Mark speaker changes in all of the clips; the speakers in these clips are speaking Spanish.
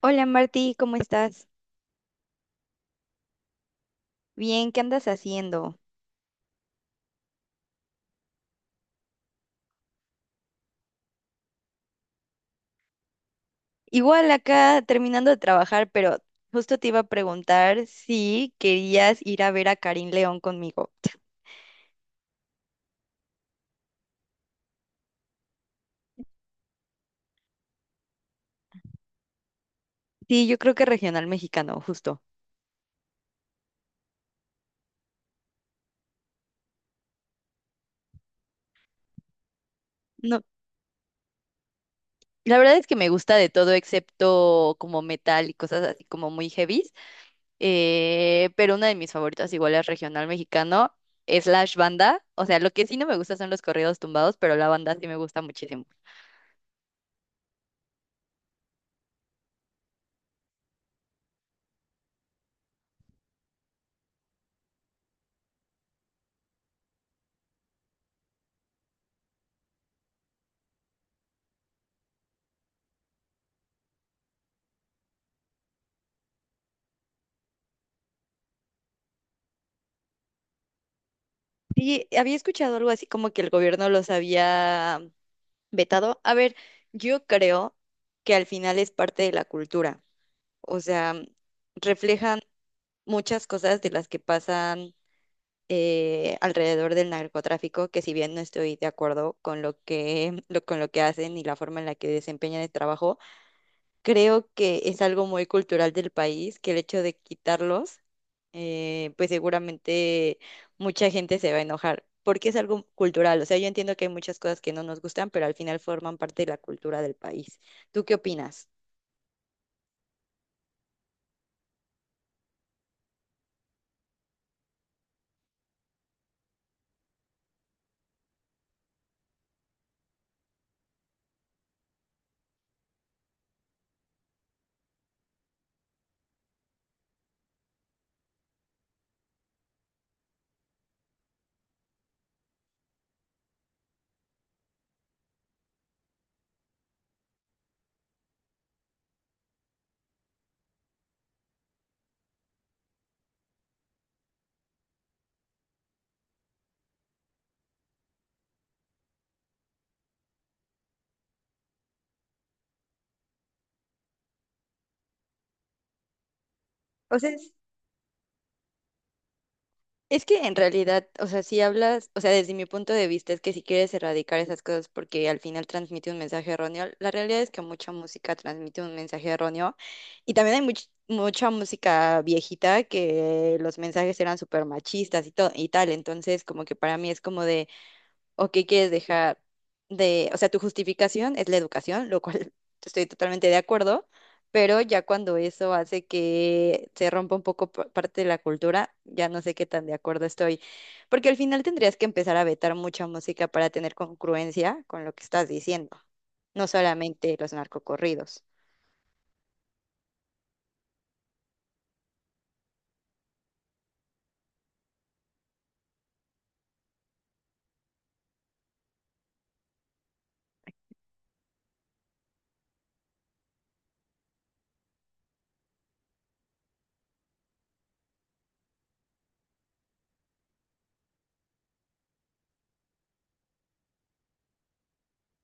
Speaker 1: Hola Martí, ¿cómo estás? Bien, ¿qué andas haciendo? Igual acá terminando de trabajar, pero justo te iba a preguntar si querías ir a ver a Karim León conmigo. Sí, yo creo que regional mexicano, justo. No, la verdad es que me gusta de todo excepto como metal y cosas así como muy heavies, pero una de mis favoritas igual es regional mexicano, slash banda. O sea, lo que sí no me gusta son los corridos tumbados, pero la banda sí me gusta muchísimo. Sí, había escuchado algo así como que el gobierno los había vetado. A ver, yo creo que al final es parte de la cultura. O sea, reflejan muchas cosas de las que pasan alrededor del narcotráfico, que si bien no estoy de acuerdo con con lo que hacen y la forma en la que desempeñan el trabajo, creo que es algo muy cultural del país, que el hecho de quitarlos, pues seguramente mucha gente se va a enojar, porque es algo cultural. O sea, yo entiendo que hay muchas cosas que no nos gustan, pero al final forman parte de la cultura del país. ¿Tú qué opinas? O sea, es que en realidad, o sea, si hablas, o sea, desde mi punto de vista es que si quieres erradicar esas cosas porque al final transmite un mensaje erróneo, la realidad es que mucha música transmite un mensaje erróneo y también hay mucha música viejita que los mensajes eran súper machistas y todo y tal, entonces como que para mí es como de o qué quieres dejar de, o sea, tu justificación es la educación, lo cual estoy totalmente de acuerdo, pero ya cuando eso hace que se rompa un poco parte de la cultura, ya no sé qué tan de acuerdo estoy, porque al final tendrías que empezar a vetar mucha música para tener congruencia con lo que estás diciendo, no solamente los narcocorridos.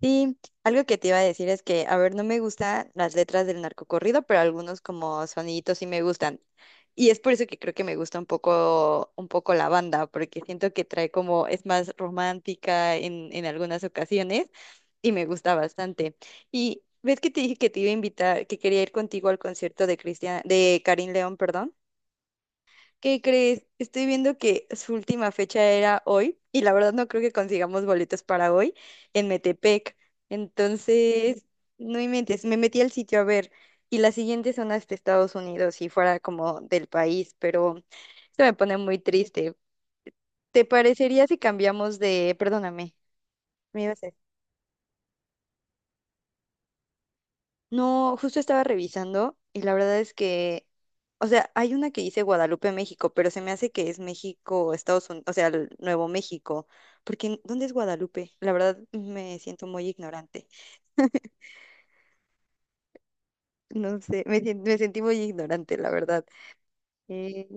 Speaker 1: Sí, algo que te iba a decir es que, a ver, no me gustan las letras del narcocorrido, pero algunos como soniditos sí me gustan. Y es por eso que creo que me gusta un poco la banda, porque siento que trae como, es más romántica en algunas ocasiones y me gusta bastante. Y ves que te dije que te iba a invitar, que quería ir contigo al concierto de Cristian, de Karin León, perdón. ¿Qué crees? Estoy viendo que su última fecha era hoy y la verdad no creo que consigamos boletos para hoy en Metepec. Entonces, no inventes, me metí al sitio a ver y las siguientes son hasta Estados Unidos y fuera como del país, pero esto me pone muy triste. ¿Te parecería si cambiamos de, perdóname, me ibas a... No, justo estaba revisando y la verdad es que, o sea, hay una que dice Guadalupe, México, pero se me hace que es México, Estados Unidos, o sea, el Nuevo México, porque ¿dónde es Guadalupe? La verdad me siento muy ignorante. No sé, me, me sentí muy ignorante, la verdad. Eh,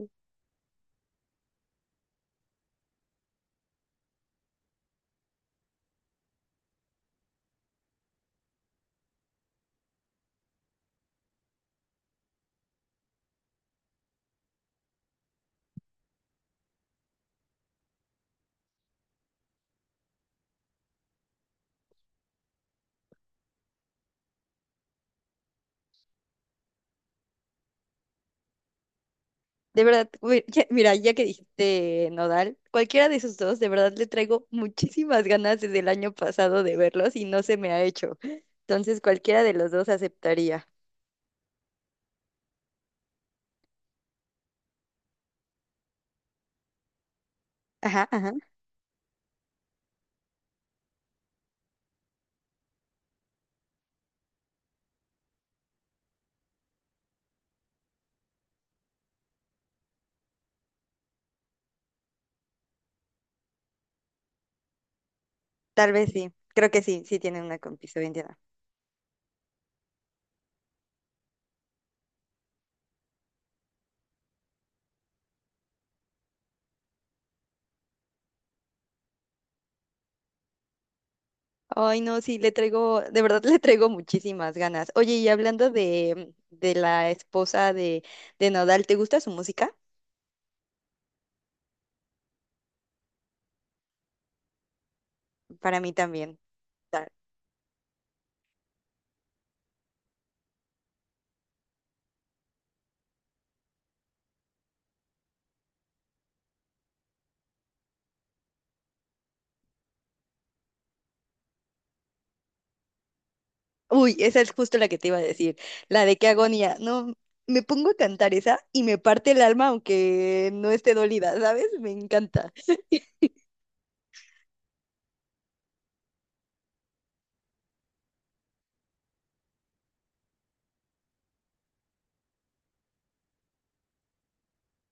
Speaker 1: de verdad, güey, ya- mira, ya que dijiste Nodal, cualquiera de esos dos, de verdad le traigo muchísimas ganas desde el año pasado de verlos y no se me ha hecho. Entonces, cualquiera de los dos aceptaría. Ajá, ajá. Tal vez sí, creo que sí, sí tienen una con piso indiana. Ay, no, sí, le traigo, de verdad le traigo muchísimas ganas. Oye, y hablando de la esposa de Nodal, ¿te gusta su música? Para mí también. Ta- Uy, esa es justo la que te iba a decir, la de qué agonía. No, me pongo a cantar esa y me parte el alma aunque no esté dolida, ¿sabes? Me encanta.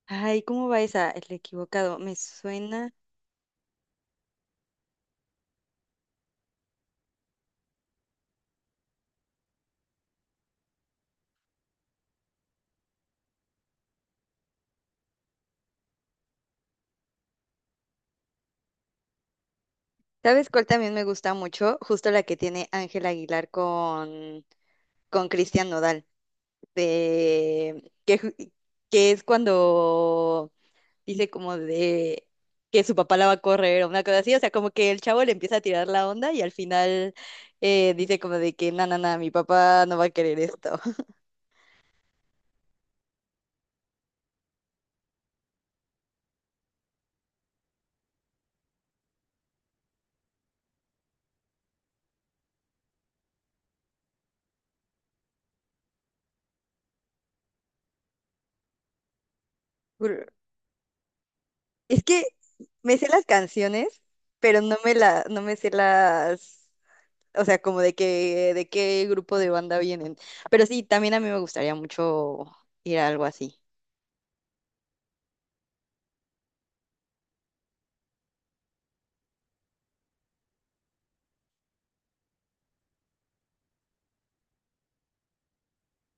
Speaker 1: Ay, ¿cómo va esa? El equivocado, me suena. ¿Sabes cuál también me gusta mucho? Justo la que tiene Ángel Aguilar con Cristian Nodal, de que, ju- que es cuando dice como de que su papá la va a correr o una cosa así, o sea, como que el chavo le empieza a tirar la onda y al final dice como de que, no, no, no, mi papá no va a querer esto. Ur- es que me sé las canciones, pero no me la, no me sé las, o sea, como de que, de qué grupo de banda vienen. Pero sí, también a mí me gustaría mucho ir a algo así.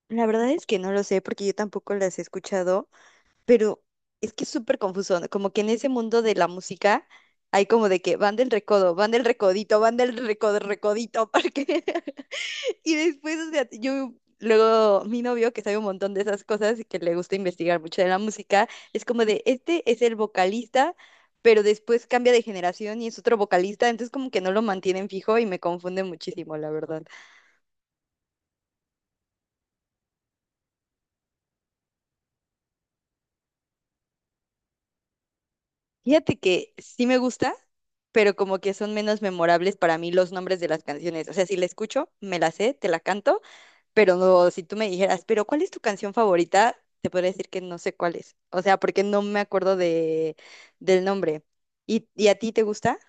Speaker 1: La verdad es que no lo sé porque yo tampoco las he escuchado, pero es que es súper confuso, ¿no? Como que en ese mundo de la música hay como de que van del recodo, van del recodito, van del recodo, recodito, porque... Y después, o sea, yo, luego mi novio que sabe un montón de esas cosas y que le gusta investigar mucho de la música, es como de, este es el vocalista, pero después cambia de generación y es otro vocalista, entonces como que no lo mantienen fijo y me confunde muchísimo, la verdad. Fíjate que sí me gusta, pero como que son menos memorables para mí los nombres de las canciones. O sea, si la escucho, me la sé, te la canto, pero no, si tú me dijeras, pero ¿cuál es tu canción favorita? Te podría decir que no sé cuál es. O sea, porque no me acuerdo de, del nombre. Y a ti te gusta?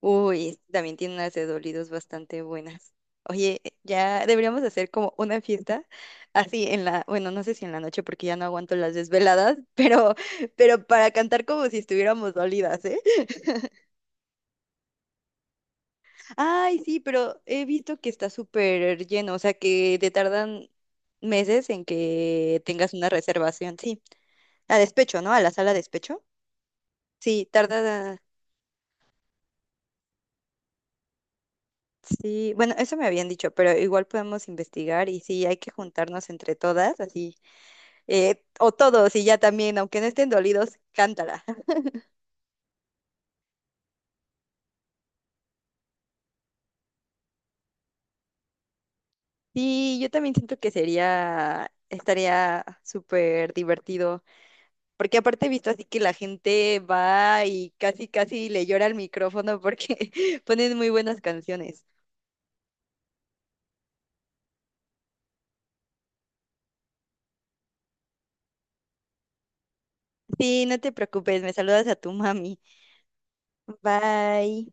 Speaker 1: Uy, también tiene unas de dolidos bastante buenas. Oye, ya deberíamos hacer como una fiesta así en la, bueno, no sé si en la noche porque ya no aguanto las desveladas, pero para cantar como si estuviéramos dolidas, ¿eh? Ay, sí, pero he visto que está súper lleno, o sea que te tardan meses en que tengas una reservación, sí, a despecho, ¿no? A la sala de despecho. Sí, tarda, sí, bueno, eso me habían dicho, pero igual podemos investigar y sí, hay que juntarnos entre todas, así. Eh, o todos, y ya también, aunque no estén dolidos, cántala. Sí, yo también siento que sería, estaría súper divertido, porque aparte he visto así que la gente va y casi, casi le llora al micrófono porque ponen muy buenas canciones. Sí, no te preocupes, me saludas a tu mami. Bye.